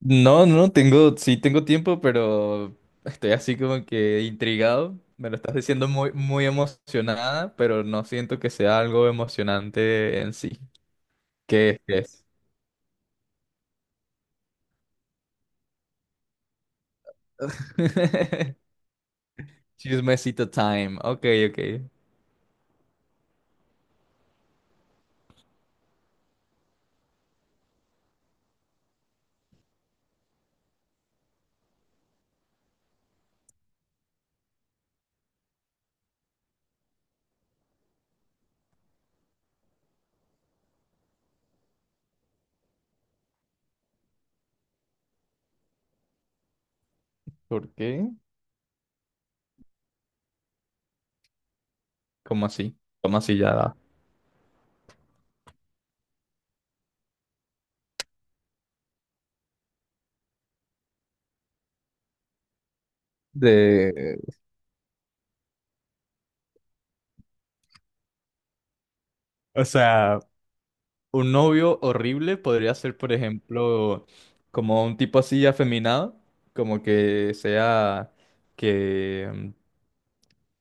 No, tengo, sí tengo tiempo, pero estoy así como que intrigado. Me lo estás diciendo muy, muy emocionada, pero no siento que sea algo emocionante en sí. ¿Qué es? ¿Qué es? Chismecito time. Ok, ok. ¿Por qué? ¿Cómo así? ¿Cómo así ya da? De... O sea, un novio horrible podría ser, por ejemplo, como un tipo así afeminado, como que sea que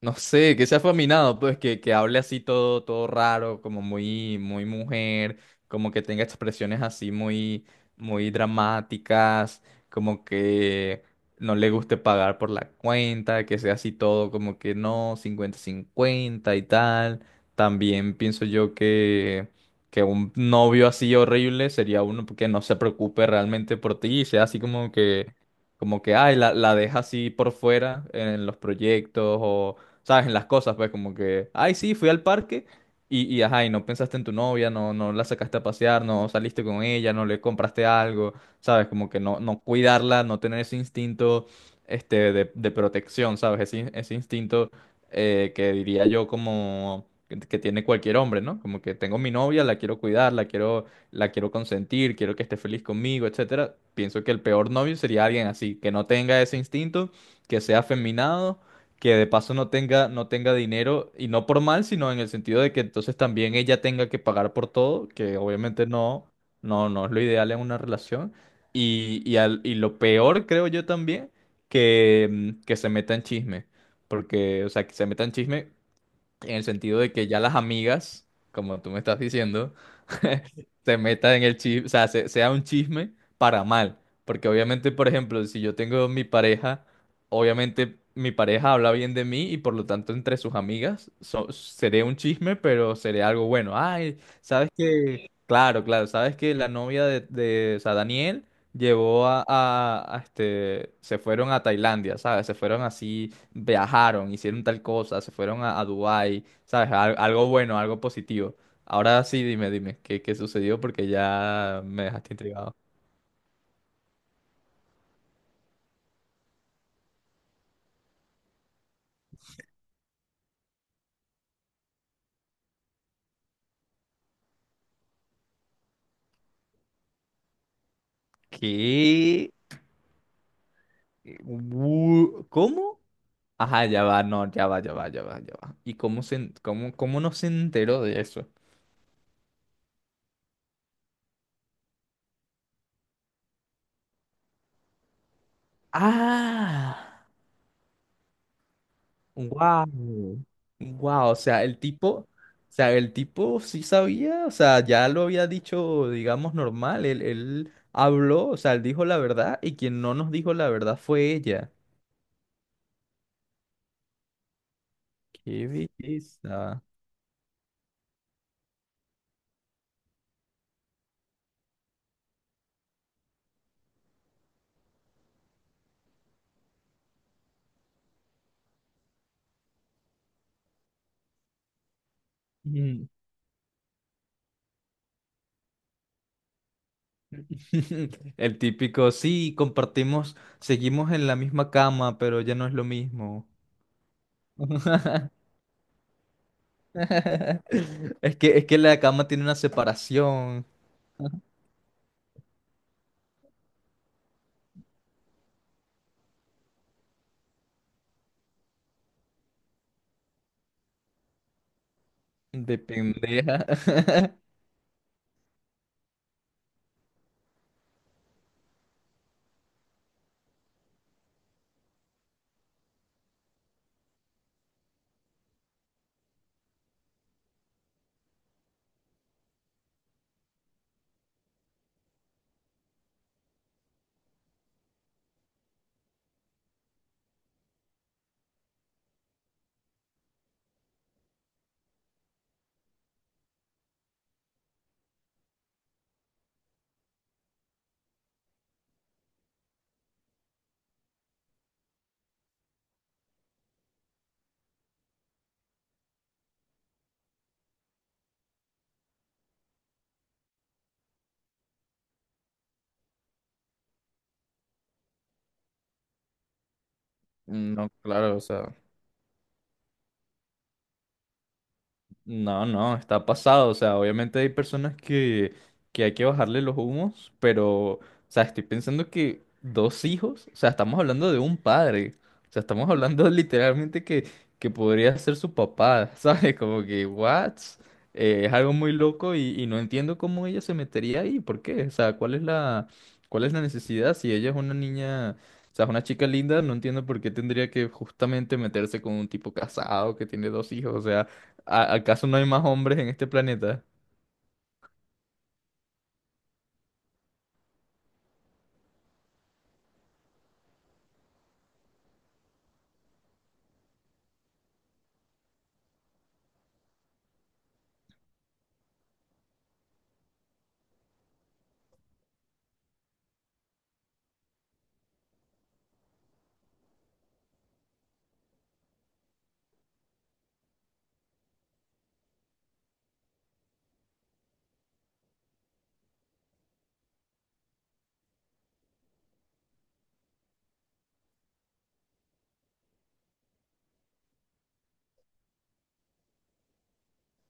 no sé, que sea afeminado, pues que hable así todo, todo raro, como muy, muy mujer, como que tenga expresiones así muy, muy dramáticas, como que no le guste pagar por la cuenta, que sea así todo como que no, cincuenta cincuenta y tal. También pienso yo que un novio así horrible sería uno que no se preocupe realmente por ti y sea así como que, ay, la deja así por fuera en los proyectos o ¿sabes? En las cosas, pues como que, ay, sí, fui al parque y ajá, y no pensaste en tu novia, no, no la sacaste a pasear, no saliste con ella, no le compraste algo, ¿sabes? Como que no, no cuidarla, no tener ese instinto este, de protección, ¿sabes? Ese, ese instinto que diría yo como... que tiene cualquier hombre, ¿no? Como que tengo mi novia, la quiero cuidar, la quiero consentir, quiero que esté feliz conmigo, etcétera. Pienso que el peor novio sería alguien así, que no tenga ese instinto, que sea afeminado, que de paso no tenga, no tenga dinero, y no por mal, sino en el sentido de que entonces también ella tenga que pagar por todo, que obviamente no, no es lo ideal en una relación. Y, y lo peor, creo yo también, que se meta en chisme. Porque, o sea, que se meta en chisme en el sentido de que ya las amigas, como tú me estás diciendo, se metan en el chisme, o sea, sea un chisme para mal. Porque obviamente, por ejemplo, si yo tengo mi pareja, obviamente mi pareja habla bien de mí y por lo tanto entre sus amigas seré un chisme, pero seré algo bueno. Ay, ¿sabes qué? Claro, claro, ¿sabes que la novia de, o sea, Daniel llevó a, este, se fueron a Tailandia, ¿sabes? Se fueron así, viajaron, hicieron tal cosa, se fueron a Dubái, ¿sabes? Algo bueno, algo positivo. Ahora sí, dime, dime, ¿qué, qué sucedió? Porque ya me dejaste intrigado. ¿Qué? ¿Cómo? Ajá, ya va, no, ya va, ya va, ya va, ya va. ¿Y cómo se, cómo, cómo no se enteró de eso? Ah. Wow, wow, o sea, el tipo, o sea, el tipo sí sabía, o sea, ya lo había dicho, digamos, normal, él habló, o sea, él dijo la verdad y quien no nos dijo la verdad fue ella. Qué belleza. Mm. El típico, sí, compartimos, seguimos en la misma cama, pero ya no es lo mismo. Es que la cama tiene una separación de pendeja. No, claro, o sea. No, no, está pasado. O sea, obviamente hay personas que hay que bajarle los humos, pero, o sea, estoy pensando que dos hijos, o sea, estamos hablando de un padre. O sea, estamos hablando literalmente que podría ser su papá, ¿sabes? Como que, what? Es algo muy loco y no entiendo cómo ella se metería ahí, ¿por qué? O sea, ¿cuál es cuál es la necesidad? Si ella es una niña, o sea, es una chica linda, no entiendo por qué tendría que justamente meterse con un tipo casado que tiene dos hijos, o sea. ¿Acaso no hay más hombres en este planeta?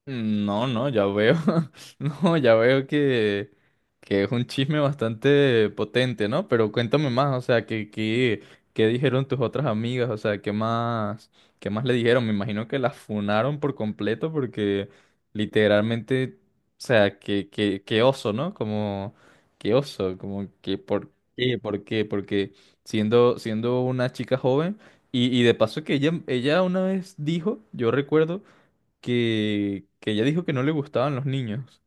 Mm, no, no, ya veo. No, ya veo que es un chisme bastante potente, ¿no? Pero cuéntame más, o sea, ¿qué, qué dijeron tus otras amigas? O sea, qué más le dijeron? Me imagino que las funaron por completo porque literalmente, o sea, qué oso, ¿no? Como, qué oso, como que por qué, porque siendo, siendo una chica joven, y de paso que ella una vez dijo, yo recuerdo que ella dijo que no le gustaban los niños.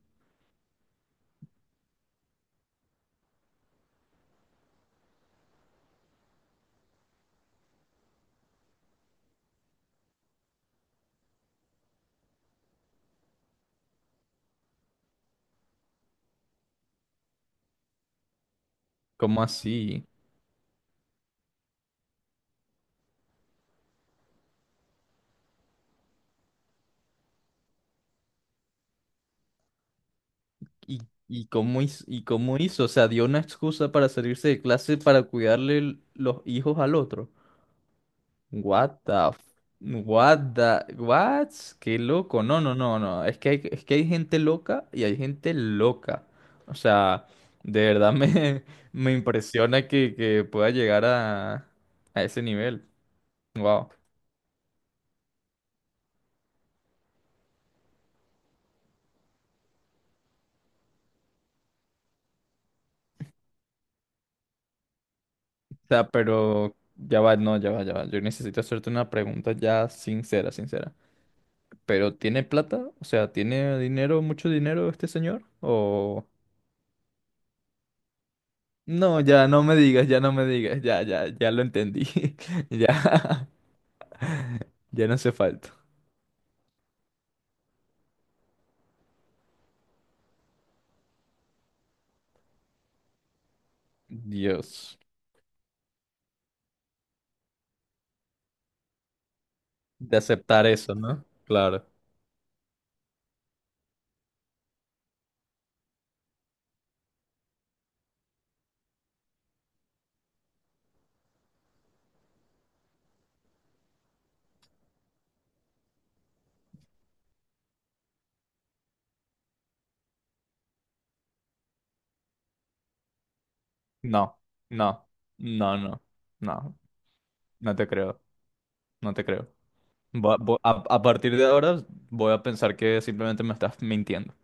¿Cómo así? ¿Y, y cómo hizo, y cómo hizo? O sea, dio una excusa para salirse de clase para cuidarle los hijos al otro. What the f-? What the... what? Qué loco. No, no, no, no. Es que hay gente loca y hay gente loca. O sea, de verdad me, me impresiona que pueda llegar a ese nivel. Wow. O sea, pero ya va, no, ya va, ya va. Yo necesito hacerte una pregunta ya sincera, sincera. ¿Pero tiene plata? O sea, ¿tiene dinero, mucho dinero este señor? O... No, ya no me digas, ya no me digas, ya, ya, ya lo entendí. Ya, ya no hace falta. Dios, de aceptar eso, ¿no? Claro. No, no, no, no, no, no te creo, no te creo. Voy a, a partir de ahora voy a pensar que simplemente me estás mintiendo.